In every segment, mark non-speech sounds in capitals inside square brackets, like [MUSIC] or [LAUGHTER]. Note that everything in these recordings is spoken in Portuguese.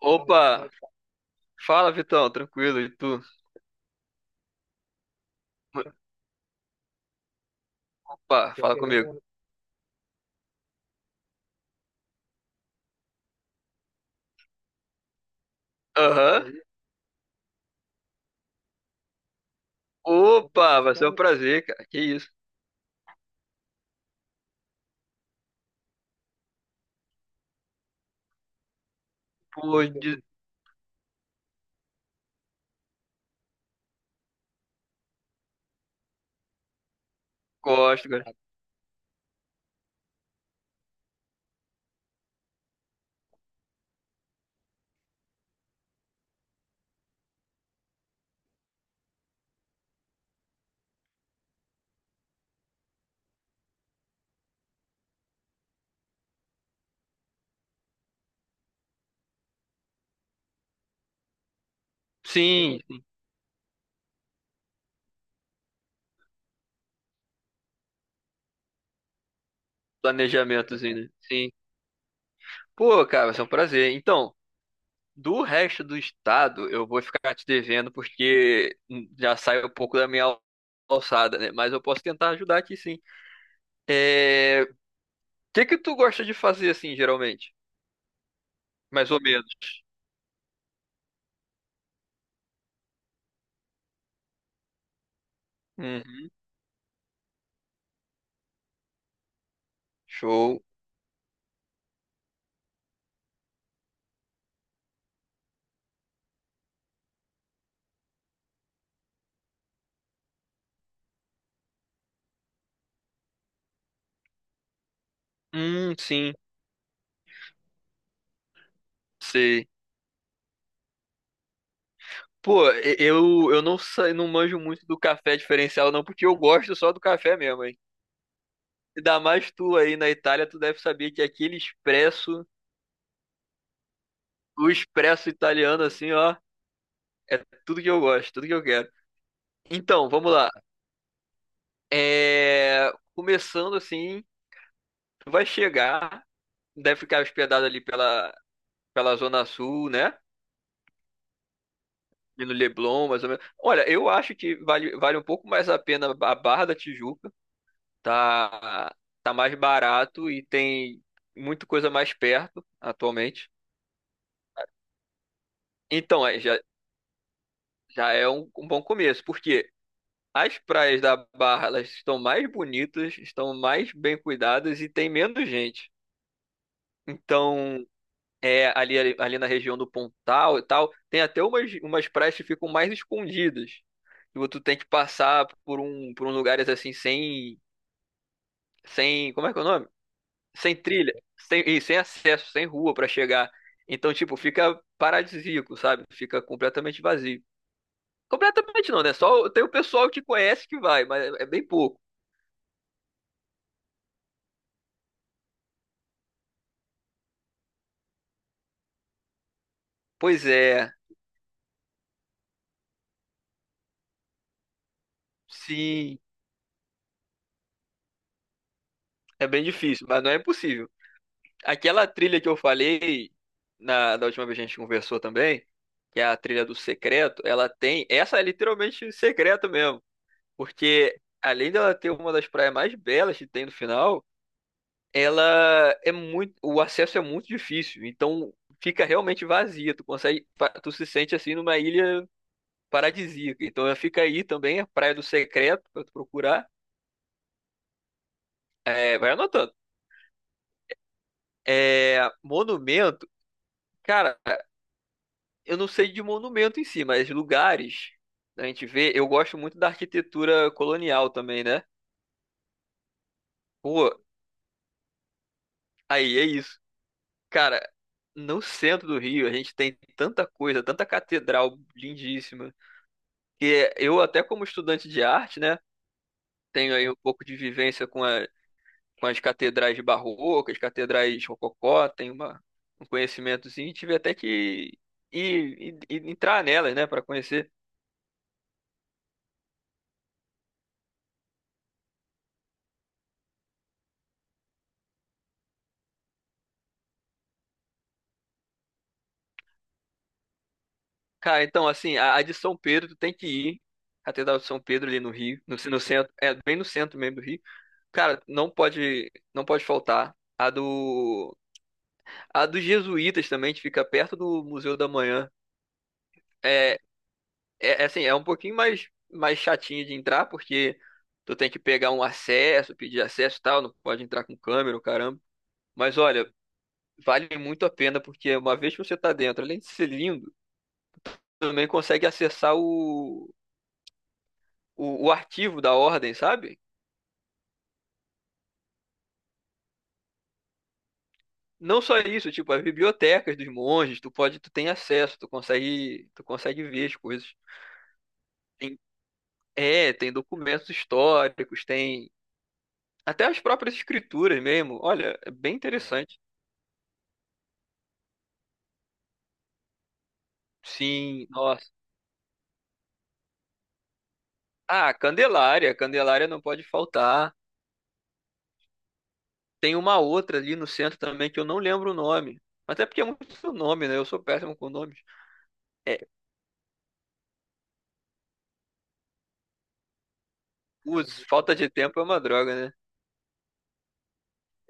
Opa, fala Vitão, tranquilo, e tu? Opa, fala comigo. Aham. Opa, vai ser um prazer, cara. Que isso? Pô, de... gosto, cara. Sim, planejamentozinho, né? Sim. Pô, cara, vai ser um prazer. Então, do resto do estado, eu vou ficar te devendo porque já sai um pouco da minha alçada, né? Mas eu posso tentar ajudar aqui, sim. O que que tu gosta de fazer, assim, geralmente? Mais ou menos. Uhum. Show. Sim. Sei. Pô, eu não sei, não manjo muito do café diferencial, não, porque eu gosto só do café mesmo, hein? Ainda mais tu aí na Itália, tu deve saber que aquele expresso, o expresso italiano, assim, ó, é tudo que eu gosto, tudo que eu quero. Então, vamos lá. Começando assim, tu vai chegar, deve ficar hospedado ali pela Zona Sul, né? E no Leblon, mais ou menos. Olha, eu acho que vale um pouco mais a pena a Barra da Tijuca, tá, tá mais barato e tem muita coisa mais perto atualmente. Então, já é um bom começo, porque as praias da Barra, elas estão mais bonitas, estão mais bem cuidadas e tem menos gente. Então, é, ali na região do Pontal e tal, tem até umas praias que ficam mais escondidas. Tipo, tu tem que passar por um lugares assim sem, sem, como é que é o nome? Sem acesso, sem rua pra chegar. Então, tipo, fica paradisíaco, sabe? Fica completamente vazio. Completamente não, né? Só tem o pessoal que conhece que vai, mas é bem pouco. Pois é, sim, é bem difícil, mas não é impossível. Aquela trilha que eu falei da última vez que a gente conversou também, que é a trilha do secreto, ela tem. Essa é literalmente secreta mesmo. Porque além dela ter uma das praias mais belas que tem no final, ela é muito, o acesso é muito difícil, então fica realmente vazia. Tu consegue, tu se sente assim numa ilha paradisíaca. Então ela fica aí também, a Praia do Secreto pra tu procurar. É, vai anotando. É, monumento, cara, eu não sei de monumento em si, mas lugares a gente vê. Eu gosto muito da arquitetura colonial também, né? Pô, aí é isso, cara. No centro do Rio, a gente tem tanta coisa, tanta catedral lindíssima. Que eu até como estudante de arte, né, tenho aí um pouco de vivência com as catedrais barrocas, catedrais rococó, tenho um conhecimentozinho, e tive até que ir entrar nelas, né, para conhecer. Cara, então assim, a de São Pedro tu tem que ir, Catedral de São Pedro ali no Rio, no centro, é bem no centro mesmo do Rio. Cara, não pode faltar. A dos jesuítas também, que fica perto do Museu da Manhã. é, É, é assim, é um pouquinho mais chatinho de entrar, porque tu tem que pegar um acesso, pedir acesso e tal, não pode entrar com câmera, o caramba. Mas olha, vale muito a pena, porque uma vez que você tá dentro, além de ser lindo, também consegue acessar o arquivo da ordem, sabe? Não só isso, tipo, as bibliotecas dos monges, tu pode, tu tem acesso, tu consegue ver as coisas. Tem- Tem documentos históricos, tem até as próprias escrituras mesmo. Olha, é bem interessante. Sim, nossa. Ah, Candelária não pode faltar. Tem uma outra ali no centro também que eu não lembro o nome. Até porque é muito nome, né? Eu sou péssimo com nomes. É, os, falta de tempo é uma droga, né?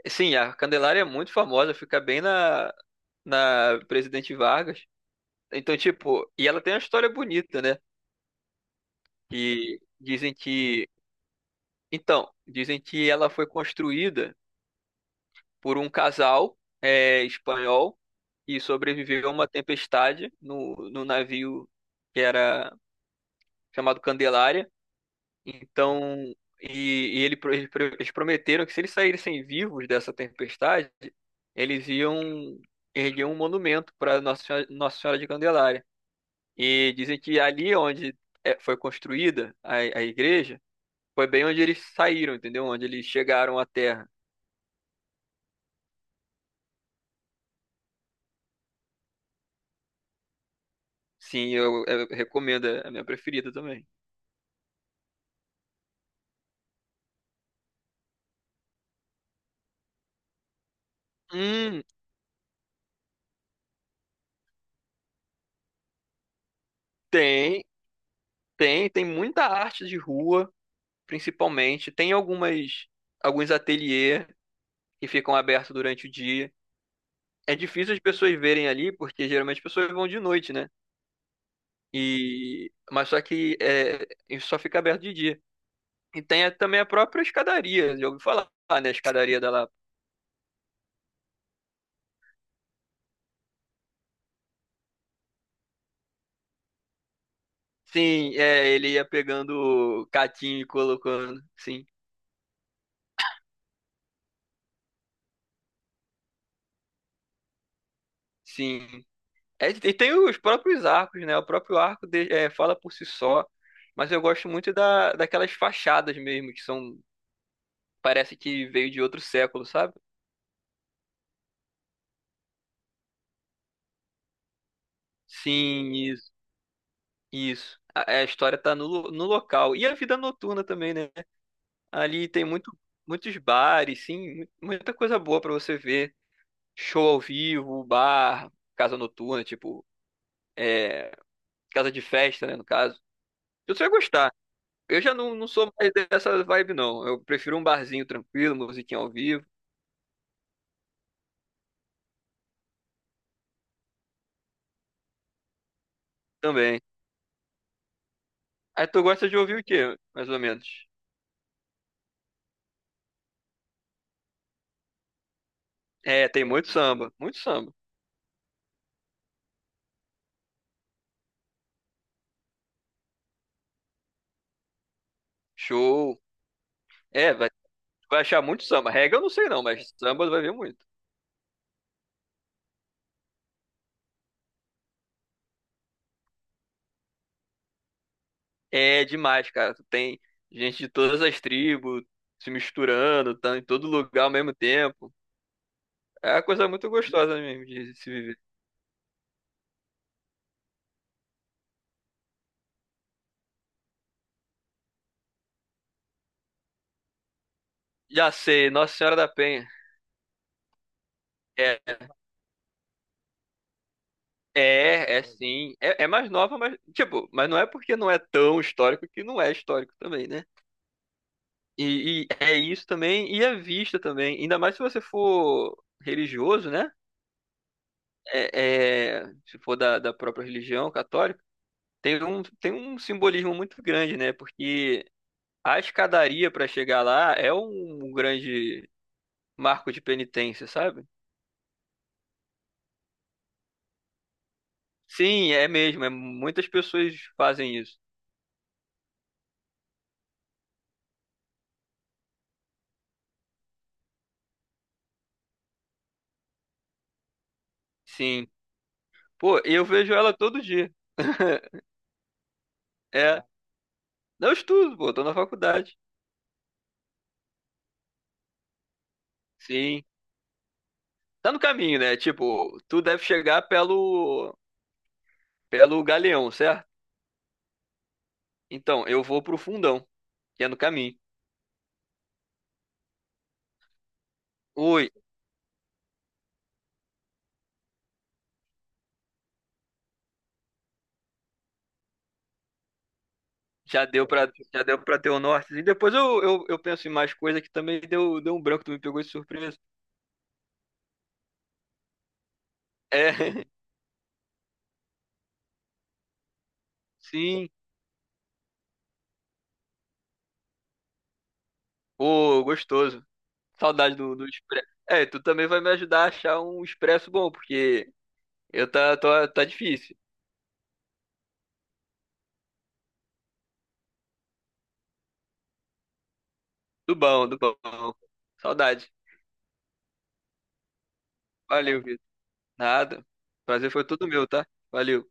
Sim, a Candelária é muito famosa, fica bem na Presidente Vargas. Então, tipo, e ela tem uma história bonita, né? Que dizem que. Então, dizem que ela foi construída por um casal espanhol que sobreviveu a uma tempestade no navio que era chamado Candelária. Então, eles prometeram que se eles saíssem vivos dessa tempestade, eles iam erguer um monumento para Nossa Senhora de Candelária. E dizem que ali onde foi construída a igreja, foi bem onde eles saíram, entendeu? Onde eles chegaram à terra. Sim, eu recomendo, é a minha preferida também. Hum, tem, tem muita arte de rua, principalmente. Tem algumas, alguns ateliê que ficam abertos durante o dia. É difícil as pessoas verem ali, porque geralmente as pessoas vão de noite, né? E, mas só que é, isso só fica aberto de dia. E tem também a própria escadaria, já ouviu falar, né? A escadaria da Lapa. Sim, é, ele ia pegando catinho e colocando. Sim, sim. É, e tem os próprios arcos, né? O próprio arco de- é, Fala por si só, mas eu gosto muito daquelas fachadas mesmo, que são, parece que veio de outro século, sabe? Sim, isso. A história tá no local. E a vida noturna também, né? Ali tem muito, muitos bares, sim, muita coisa boa pra você ver. Show ao vivo, bar, casa noturna, tipo, é, casa de festa, né, no caso. Eu só ia gostar. Eu já não sou mais dessa vibe, não. Eu prefiro um barzinho tranquilo, musiquinha ao vivo também. Aí tu gosta de ouvir o quê, mais ou menos? É, tem muito samba, muito samba. Show. É, vai achar muito samba. Reggae eu não sei não, mas samba vai ver muito. É demais, cara. Tu tem gente de todas as tribos se misturando, tá em todo lugar ao mesmo tempo. É uma coisa muito gostosa mesmo de se viver. Já sei, Nossa Senhora da Penha. É, É sim. É, é mais nova, mas, tipo, mas não é porque não é tão histórico que não é histórico também, né? É isso também, e a vista também. Ainda mais se você for religioso, né? Se for da própria religião católica, tem tem um simbolismo muito grande, né? Porque a escadaria para chegar lá é um grande marco de penitência, sabe? Sim, é mesmo. É, muitas pessoas fazem isso. Sim. Pô, eu vejo ela todo dia. [LAUGHS] É. Não, estudo, pô, tô na faculdade. Sim. Tá no caminho, né? Tipo, tu deve chegar pelo Galeão, certo? Então, eu vou pro Fundão, que é no caminho. Ui, já deu pra ter o norte. E depois eu penso em mais coisa que também deu um branco, tu me pegou de surpresa. É, [LAUGHS] sim. Pô, gostoso. Saudade do expresso. É, tu também vai me ajudar a achar um expresso bom, porque tá difícil. Do bom. Saudade. Valeu, nada. Prazer foi todo meu, tá? Valeu.